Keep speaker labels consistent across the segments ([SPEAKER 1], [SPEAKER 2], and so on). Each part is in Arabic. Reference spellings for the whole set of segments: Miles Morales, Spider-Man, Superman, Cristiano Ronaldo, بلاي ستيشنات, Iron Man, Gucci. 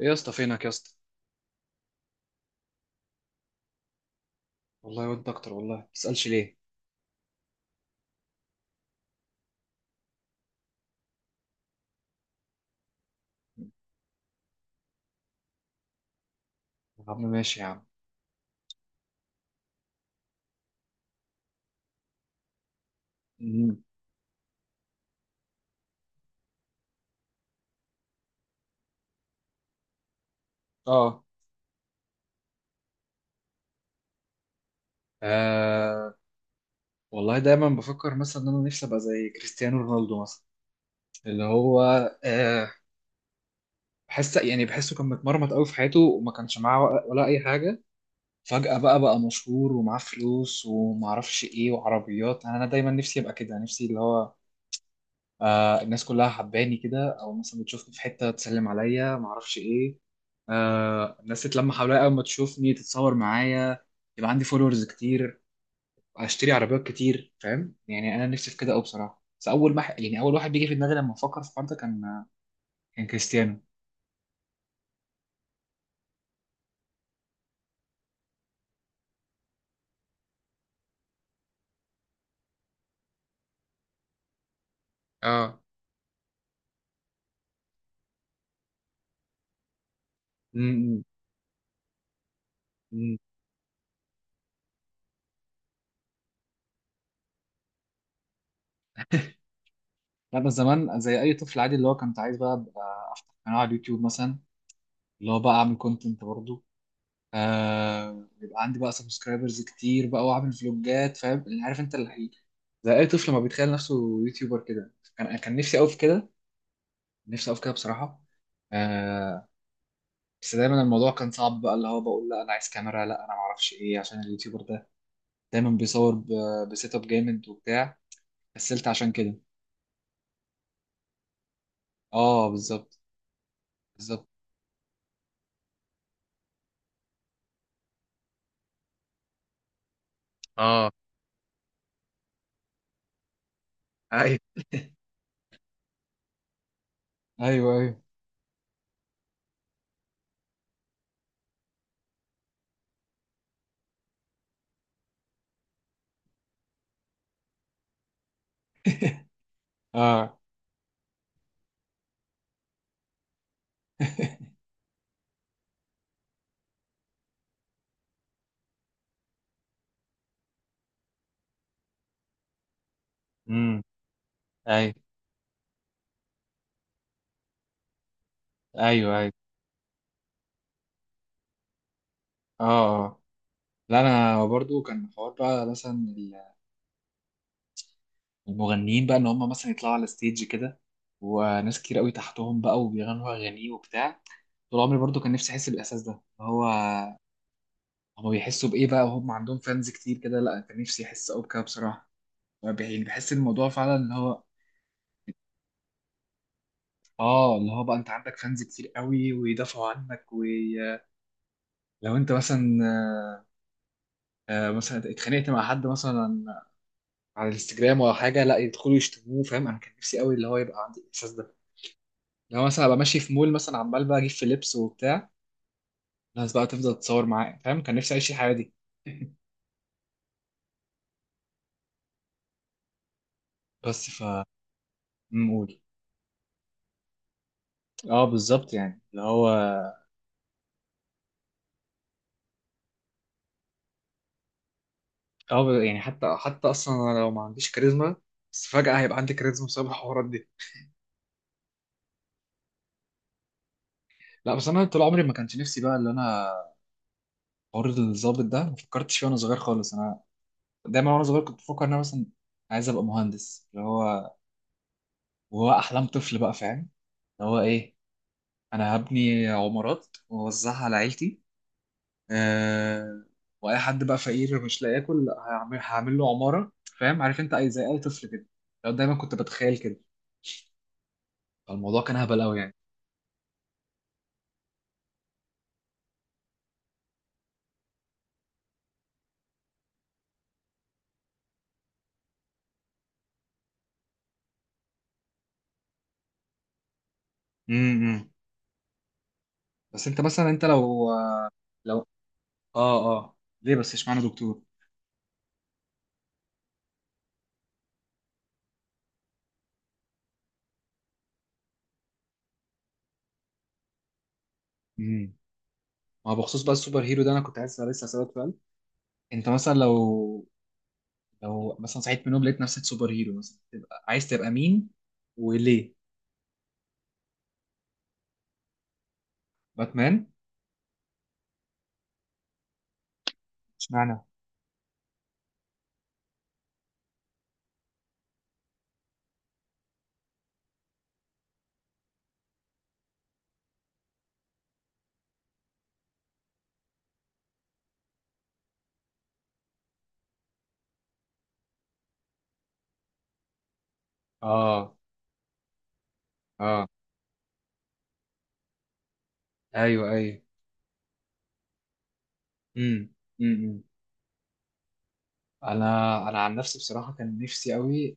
[SPEAKER 1] ايه يا اسطى، فينك يا اسطى؟ والله وانت اكتر. والله ما تسالش ليه. يا عم ماشي يا عم. مم. اه، آه، والله دايما بفكر مثلا ان انا نفسي ابقى زي كريستيانو رونالدو مثلا. اللي هو آه، بحس يعني بحسه كان متمرمط قوي في حياته وما كانش معاه ولا اي حاجه. فجاه بقى مشهور ومعاه فلوس وما اعرفش ايه وعربيات. انا دايما نفسي ابقى كده، نفسي اللي هو آه الناس كلها حباني كده، او مثلا بتشوفني في حته تسلم عليا، ما اعرفش ايه. آه الناس تتلم حواليا اول ما تشوفني تتصور معايا، يبقى عندي فولورز كتير، اشتري عربيات كتير. فاهم يعني انا نفسي في كده قوي بصراحه. بس اول ما يعني اول واحد بيجي في دماغي لما افكر في الحوار ده كان كان كريستيانو. اه، امم، امم، لا بس زمان زي اي طفل عادي اللي هو كنت عايز بقى أبقى افتح قناه على اليوتيوب مثلا. اللي هو بقى اعمل كونتنت برضه. آه يبقى عندي بقى سبسكرايبرز كتير بقى، واعمل فلوجات. فاهم، اللي عارف انت اللي زي اي طفل ما بيتخيل نفسه يوتيوبر كده. كان نفسي قوي في كده. نفسي قوي في كده بصراحه. آه، بس دايما الموضوع كان صعب بقى. اللي هو بقول لا انا عايز كاميرا، لا انا ما اعرفش ايه. عشان اليوتيوبر ده دايما بيصور بسيت اب جامد وبتاع. كسلت عشان كده. اه بالظبط. بالظبط اه. ايوه ايوه ايوه. اه، امم، ايوه ايوه ايوه، اه، آه. لا انا برضو كان حوار بقى، مثلا المغنيين بقى ان هم مثلا يطلعوا على ستيج كده، وناس كتير قوي تحتهم بقى، وبيغنوا اغاني وبتاع. طول عمري برضو كان نفسي احس بالاحساس ده. اللي هو هما بيحسوا بايه بقى وهم عندهم فانز كتير كده. لا كان نفسي احس قوي بكده بصراحه. يعني بحس الموضوع فعلا اللي هو اه، اللي هو بقى انت عندك فانز كتير قوي ويدافعوا عنك. ولو انت مثلا آه، آه، مثلا اتخانقت مع حد مثلا على الانستجرام ولا حاجه، لا يدخلوا يشتموه. فاهم انا كان نفسي قوي اللي هو يبقى عندي الاحساس ده. لو مثلا ابقى ماشي في مول مثلا، عمال بقى اجيب في لبس وبتاع، الناس بقى تفضل تتصور معايا. فاهم كان نفسي اعيش الحياه دي. بس ف نقول اه بالظبط يعني اللي هو اه يعني حتى اصلا انا لو ما عنديش كاريزما، بس فجاه هيبقى عندي كاريزما بسبب الحوارات دي. لا بس انا طول عمري ما كانش نفسي بقى اللي انا حوار الضابط ده ما فكرتش فيه وانا صغير خالص. انا دايما وانا صغير كنت بفكر ان انا مثلا عايز ابقى مهندس اللي هو، وهو احلام طفل بقى. فاهم اللي هو ايه، انا هبني عمارات واوزعها على عيلتي. آه، واي حد بقى فقير مش لاقي ياكل لا، هعمل له عماره. فاهم عارف انت اي زي اي طفل كده، لو دايما كنت بتخيل كده. فالموضوع كان هبل قوي يعني. امم، بس انت مثلا انت لو اه، اه، ليه بس اشمعنى دكتور؟ امم، ما هو بخصوص بقى السوبر هيرو ده انا كنت عايز لسه اسالك سؤال. انت مثلا لو مثلا صحيت من النوم لقيت نفسك سوبر هيرو، مثلا تبقى عايز تبقى مين وليه؟ باتمان، اشمعنى؟ اه اه، ايوه ايوه، امم، امم، انا عن نفسي بصراحه كان نفسي قوي.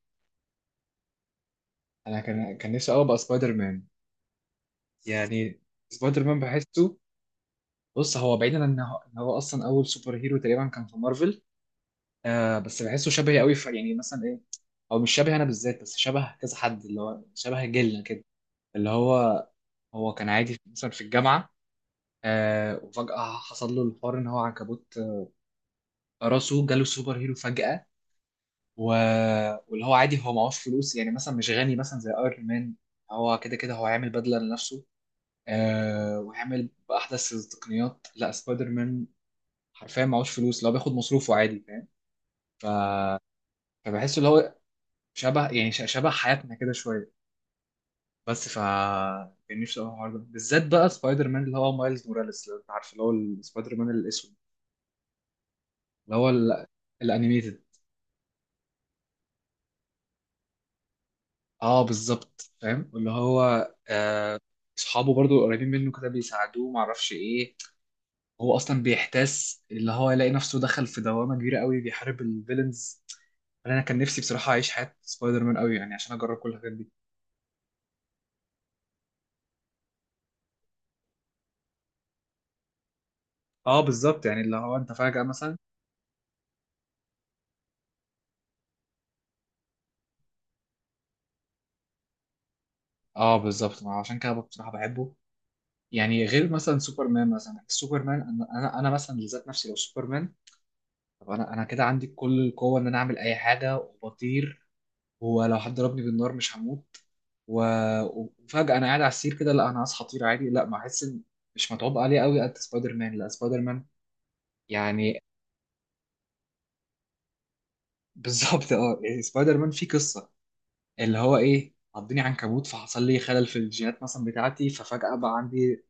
[SPEAKER 1] انا كان نفسي قوي ابقى سبايدر مان يعني. سبايدر مان بحسه، بص هو بعيدا عن ان هو إن هو اصلا اول سوبر هيرو تقريبا كان في مارفل. آه بس بحسه شبهي قوي في يعني مثلا ايه، او مش شبه انا بالذات بس شبه كذا حد اللي هو شبه جيلنا كده. اللي هو هو كان عادي مثلا في الجامعه، آه وفجاه حصل له الحوار ان هو عنكبوت. آه، راسه جاله سوبر هيرو فجاه. و... واللي هو عادي هو معهوش فلوس، يعني مثلا مش غني مثلا زي ايرون مان. هو كده كده هو هيعمل بدلة لنفسه. آه وهيعمل بأحدث التقنيات؟ لا، سبايدر مان حرفيا معهوش فلوس، لو بياخد مصروفه عادي فاهم. ف... فبحس اللي هو شبه يعني شبه حياتنا كده شوية. بس ف كان نفسي أوي الحوار ده بالذات بقى سبايدر مان اللي هو مايلز موراليس، لو انت عارف اللي هو السبايدر مان الاسود. اللي هو الانيميتد. اه بالظبط فاهم اللي هو آه، اصحابه برضو قريبين منه كده بيساعدوه، ما اعرفش ايه. هو اصلا بيحتاس اللي هو يلاقي نفسه دخل في دوامه كبيره قوي بيحارب الفيلنز. انا كان نفسي بصراحه اعيش حياه سبايدر مان قوي يعني، عشان اجرب كل الحاجات دي. اه بالظبط يعني اللي هو انت فجاه مثلا، اه بالظبط ما عشان كده بصراحه بحبه. يعني غير مثلا سوبرمان، مثلا سوبرمان انا مثلا لذات نفسي لو سوبرمان، طب انا كده عندي كل القوه ان انا اعمل اي حاجه وبطير، ولو حد ضربني بالنار مش هموت. و... وفجأة أنا قاعد على السرير كده، لا أنا هصحى طير عادي؟ لا، ما أحس إن مش متعوب عليه قوي قد سبايدر مان. لا سبايدر مان يعني. بالظبط أه، يعني سبايدر مان فيه قصة. اللي هو إيه عضني عنكبوت فحصل لي خلل في الجينات مثلا بتاعتي، ففجأة بقى عندي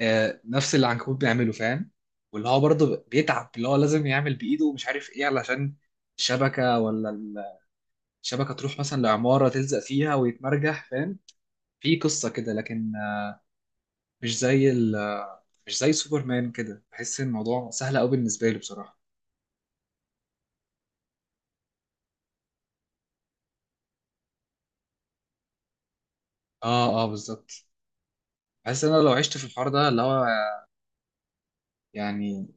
[SPEAKER 1] آه نفس اللي العنكبوت بيعمله فاهم. واللي هو برضه بيتعب، اللي هو لازم يعمل بإيده ومش عارف إيه، علشان الشبكة ولا الشبكة تروح مثلا لعمارة تلزق فيها ويتمرجح فاهم. في قصة كده لكن مش زي ال مش زي سوبرمان كده، بحس ان الموضوع سهل قوي بالنسبه لي بصراحه. اه اه بالظبط. بحس ان انا لو عشت في الحوار ده اللي هو يعني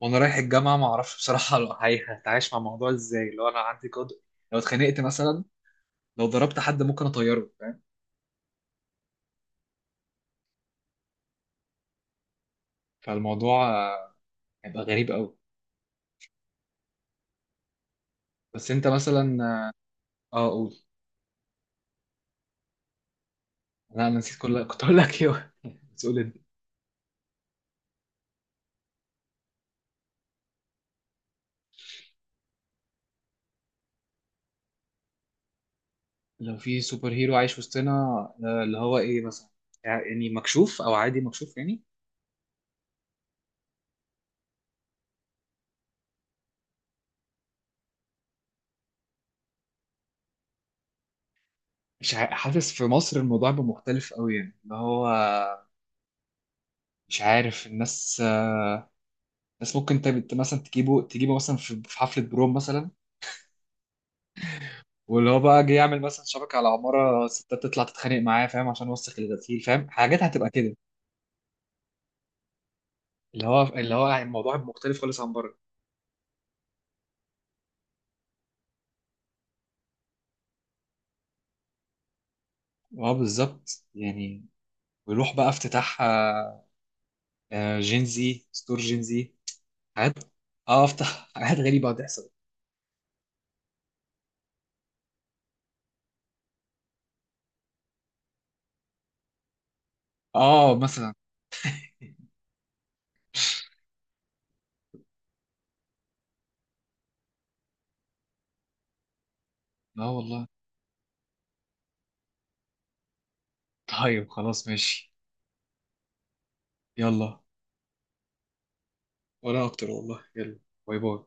[SPEAKER 1] وانا رايح الجامعه، ما اعرفش بصراحه لو هتعايش مع الموضوع ازاي لو انا عندي قدر. لو اتخانقت مثلا، لو ضربت حد ممكن اطيره فاهم. فالموضوع آه، هيبقى غريب قوي. بس انت مثلا اه آه، قول. لا انا نسيت، كل كنت اقول لك ايه. بس قول انت. لو في سوبر هيرو عايش وسطنا آه، اللي هو ايه مثلا، يعني مكشوف او عادي مكشوف يعني. مش حاسس في مصر الموضوع بقى مختلف قوي يعني اللي هو مش عارف الناس آه، الناس ممكن انت مثلا تجيبه مثلا في حفلة بروم مثلا، واللي هو بقى جه يعمل مثلا شبكة على عمارة ستات تطلع تتخانق معاه، فاهم عشان وسخ الغسيل. فاهم حاجات هتبقى كده. اللي هو الموضوع مختلف خالص عن بره. اه بالظبط يعني، ويروح بقى افتتاح آه، آه، جينزي ستور جينزي، حاجات، اه افتح حاجات غريبة هتحصل. اه مثلا. اه والله، طيب خلاص ماشي، يلا. وانا اكتر والله، يلا. باي باي.